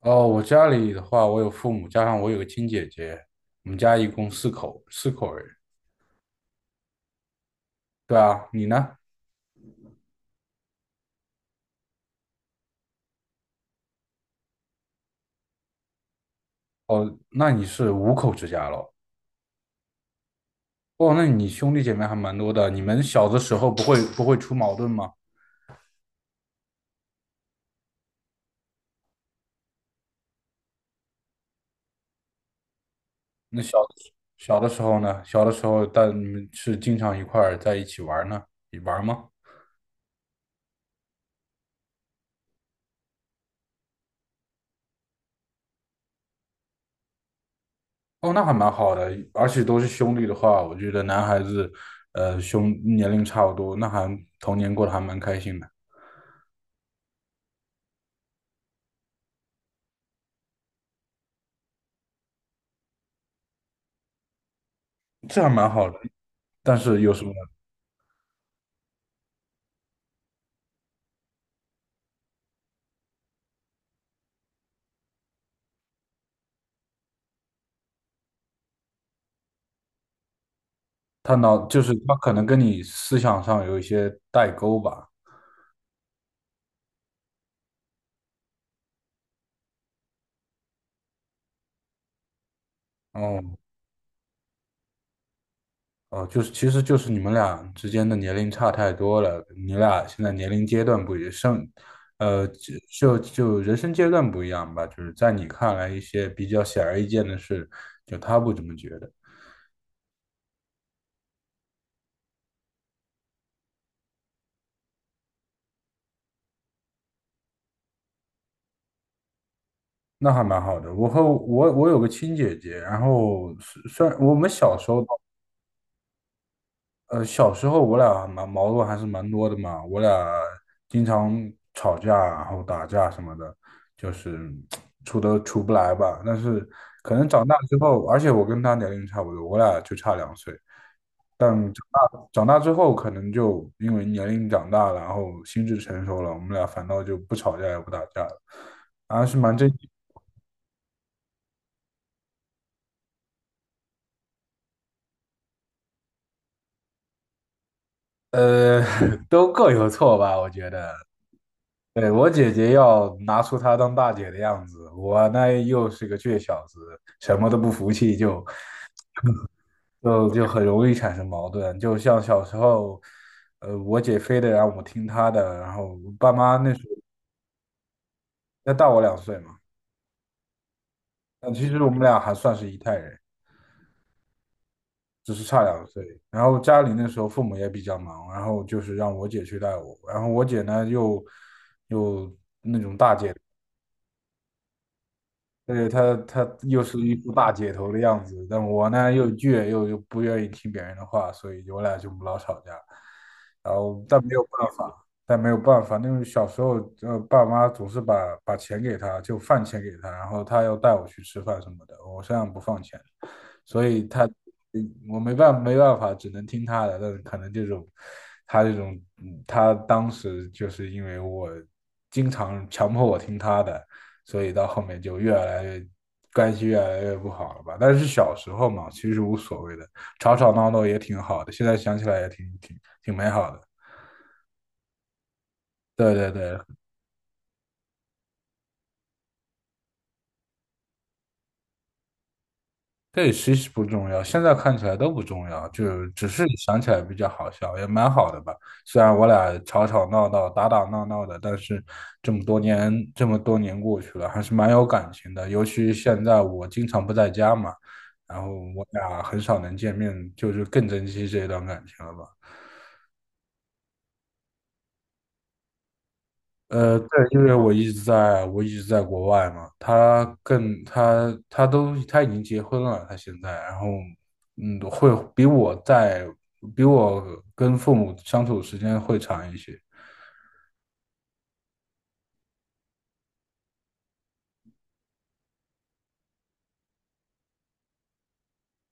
哦，我家里的话，我有父母，加上我有个亲姐姐，我们家一共四口人。对啊，你呢？哦，那你是五口之家咯。哦，那你兄弟姐妹还蛮多的。你们小的时候不会出矛盾吗？那小的时候呢？小的时候，但你们是经常一块儿在一起玩儿呢？你玩儿吗？哦，那还蛮好的，而且都是兄弟的话，我觉得男孩子，年龄差不多，童年过得还蛮开心的。这还蛮好的。但是有什么？他脑就是他可能跟你思想上有一些代沟吧。哦哦，就是其实就是你们俩之间的年龄差太多了，你俩现在年龄阶段不一样，生呃就就就人生阶段不一样吧。就是在你看来一些比较显而易见的事，就他不怎么觉得。那还蛮好的。我和我我有个亲姐姐，然后虽然我们小时候，小时候我俩蛮矛盾还是蛮多的嘛，我俩经常吵架，然后打架什么的，就是处都处不来吧。但是可能长大之后，而且我跟他年龄差不多，我俩就差两岁。但长大之后，可能就因为年龄长大了，然后心智成熟了，我们俩反倒就不吵架也不打架了，还是蛮正。呃，都各有错吧，我觉得。对，我姐姐要拿出她当大姐的样子，我呢又是个倔小子，什么都不服气就很容易产生矛盾。就像小时候，我姐非得让我听她的，然后我爸妈那时候那大我两岁嘛，但其实我们俩还算是一代人，只是差两岁。然后家里那时候父母也比较忙，然后就是让我姐去带我，然后我姐呢又。那种大姐。对，她又是一副大姐头的样子，但我呢又倔，又不愿意听别人的话，所以我俩就老吵架。然后，但没有办法，那种小时候，爸妈总是把钱给她，就饭钱给她，然后她要带我去吃饭什么的，我身上不放钱，所以她，我没办法，只能听她的。但是可能这种，她这种，她当时就是因为我经常强迫我听她的。所以到后面就越来越关系越来越不好了吧。但是小时候嘛，其实无所谓的，吵吵闹闹也挺好的，现在想起来也挺美好的。对对对。对，其实不重要，现在看起来都不重要，就只是想起来比较好笑，也蛮好的吧。虽然我俩吵吵闹闹、打打闹闹的，但是这么多年过去了，还是蛮有感情的。尤其现在我经常不在家嘛，然后我俩很少能见面，就是更珍惜这段感情了吧。对，因为我一直在国外嘛，他更他他都他已经结婚了，他现在，然后会比我跟父母相处的时间会长一些。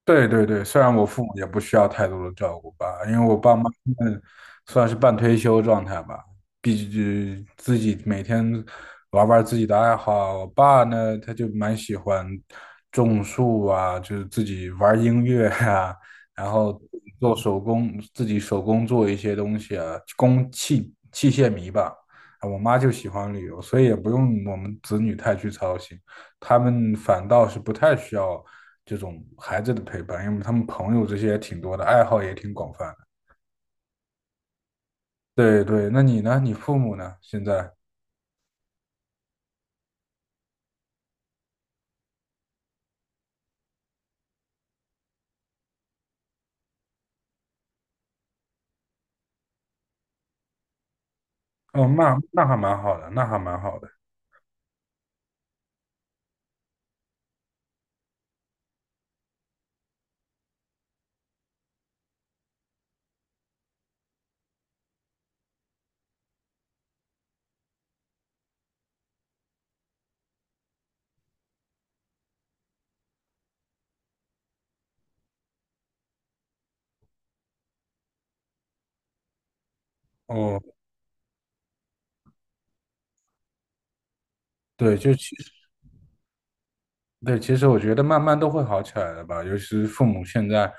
对对对，虽然我父母也不需要太多的照顾吧，因为我爸妈他们算是半退休状态吧，毕竟自己每天玩玩自己的爱好。我爸呢，他就蛮喜欢种树啊，就是自己玩音乐啊，然后做手工，自己手工做一些东西啊，器械迷吧。啊，我妈就喜欢旅游，所以也不用我们子女太去操心。他们反倒是不太需要这种孩子的陪伴，因为他们朋友这些也挺多的，爱好也挺广泛的。对对，那你呢？你父母呢？现在？哦，那还蛮好的，那还蛮好的。哦，对，就其实对，其实我觉得慢慢都会好起来的吧。尤其是父母现在，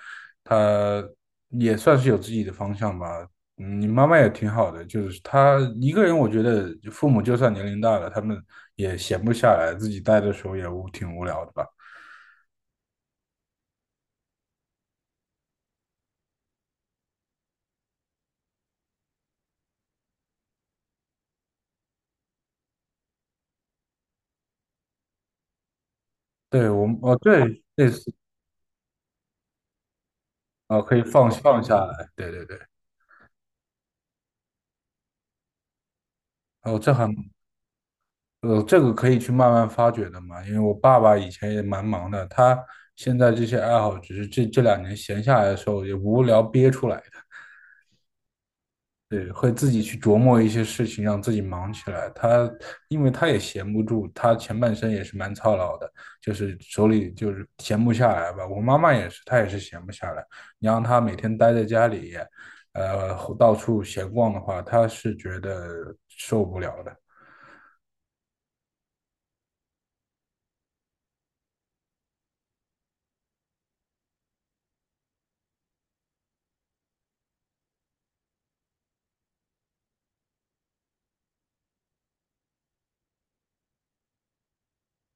他也算是有自己的方向吧。你妈妈也挺好的，就是她一个人，我觉得父母就算年龄大了，他们也闲不下来，自己待的时候也无挺无聊的吧。对，我们哦，对，类似。啊，可以放放下来，对对对。哦，这个可以去慢慢发掘的嘛，因为我爸爸以前也蛮忙的，他现在这些爱好只是这两年闲下来的时候也无聊憋出来的。对，会自己去琢磨一些事情，让自己忙起来。因为他也闲不住，他前半生也是蛮操劳的，就是手里就是闲不下来吧。我妈妈也是，她也是闲不下来。你让她每天待在家里，到处闲逛的话，她是觉得受不了的。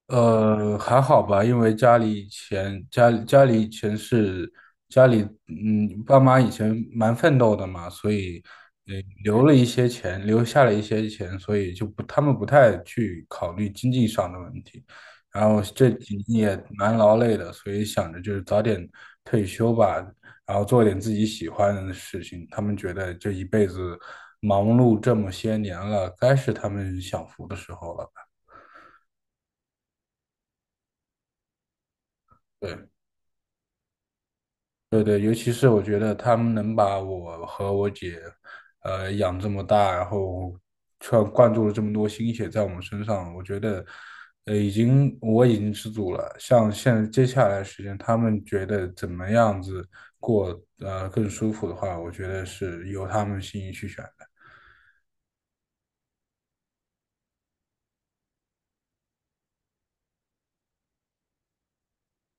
还好吧，因为家里以前家里家里以前是家里嗯，爸妈以前蛮奋斗的嘛，所以呃留下了一些钱，所以就不他们不太去考虑经济上的问题。然后这几年也蛮劳累的，所以想着就是早点退休吧，然后做点自己喜欢的事情。他们觉得这一辈子忙碌这么些年了，该是他们享福的时候了吧？对。对对，尤其是我觉得他们能把我和我姐，养这么大，然后却灌注了这么多心血在我们身上，我觉得，我已经知足了。像现在接下来的时间，他们觉得怎么样子过，更舒服的话，我觉得是由他们心意去选的。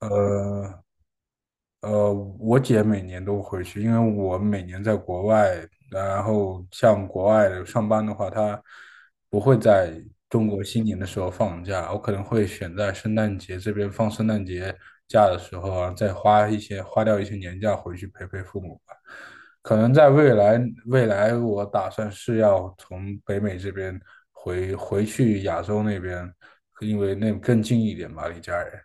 呃，呃，我姐每年都回去，因为我每年在国外，然后像国外的上班的话，她不会在中国新年的时候放假，我可能会选在圣诞节这边放圣诞节假的时候啊，再花掉一些年假回去陪陪父母吧。可能在未来，我打算是要从北美这边回去亚洲那边，因为那更近一点嘛，离家人。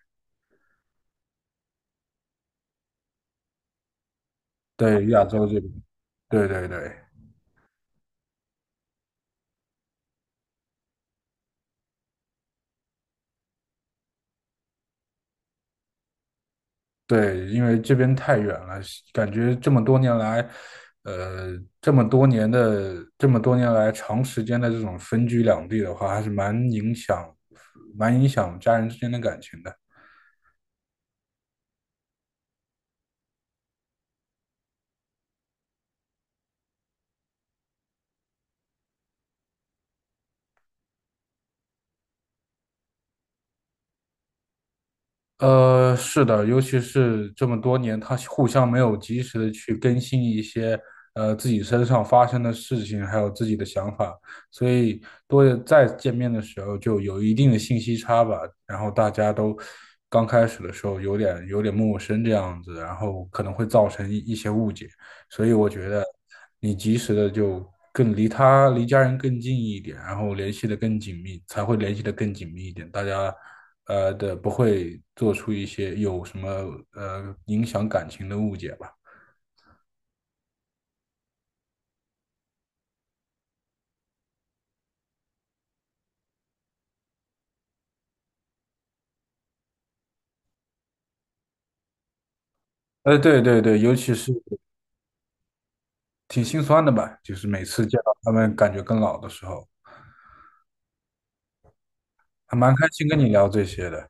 对，亚洲这边，对对对。对，因为这边太远了，感觉这么多年来，呃，这么多年的这么多年来长时间的这种分居两地的话，还是蛮影响家人之间的感情的。是的，尤其是这么多年，他互相没有及时的去更新一些自己身上发生的事情，还有自己的想法，所以多再见面的时候就有一定的信息差吧。然后大家都刚开始的时候有点陌生这样子，然后可能会造成一些误解。所以我觉得你及时的就更离他离家人更近一点，然后联系的更紧密，才会联系的更紧密一点，大家的，不会做出一些有什么影响感情的误解吧。对对对，尤其是挺心酸的吧，就是每次见到他们感觉更老的时候，还蛮开心跟你聊这些的。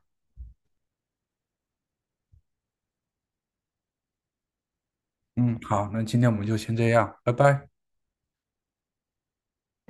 嗯，好，那今天我们就先这样，拜拜。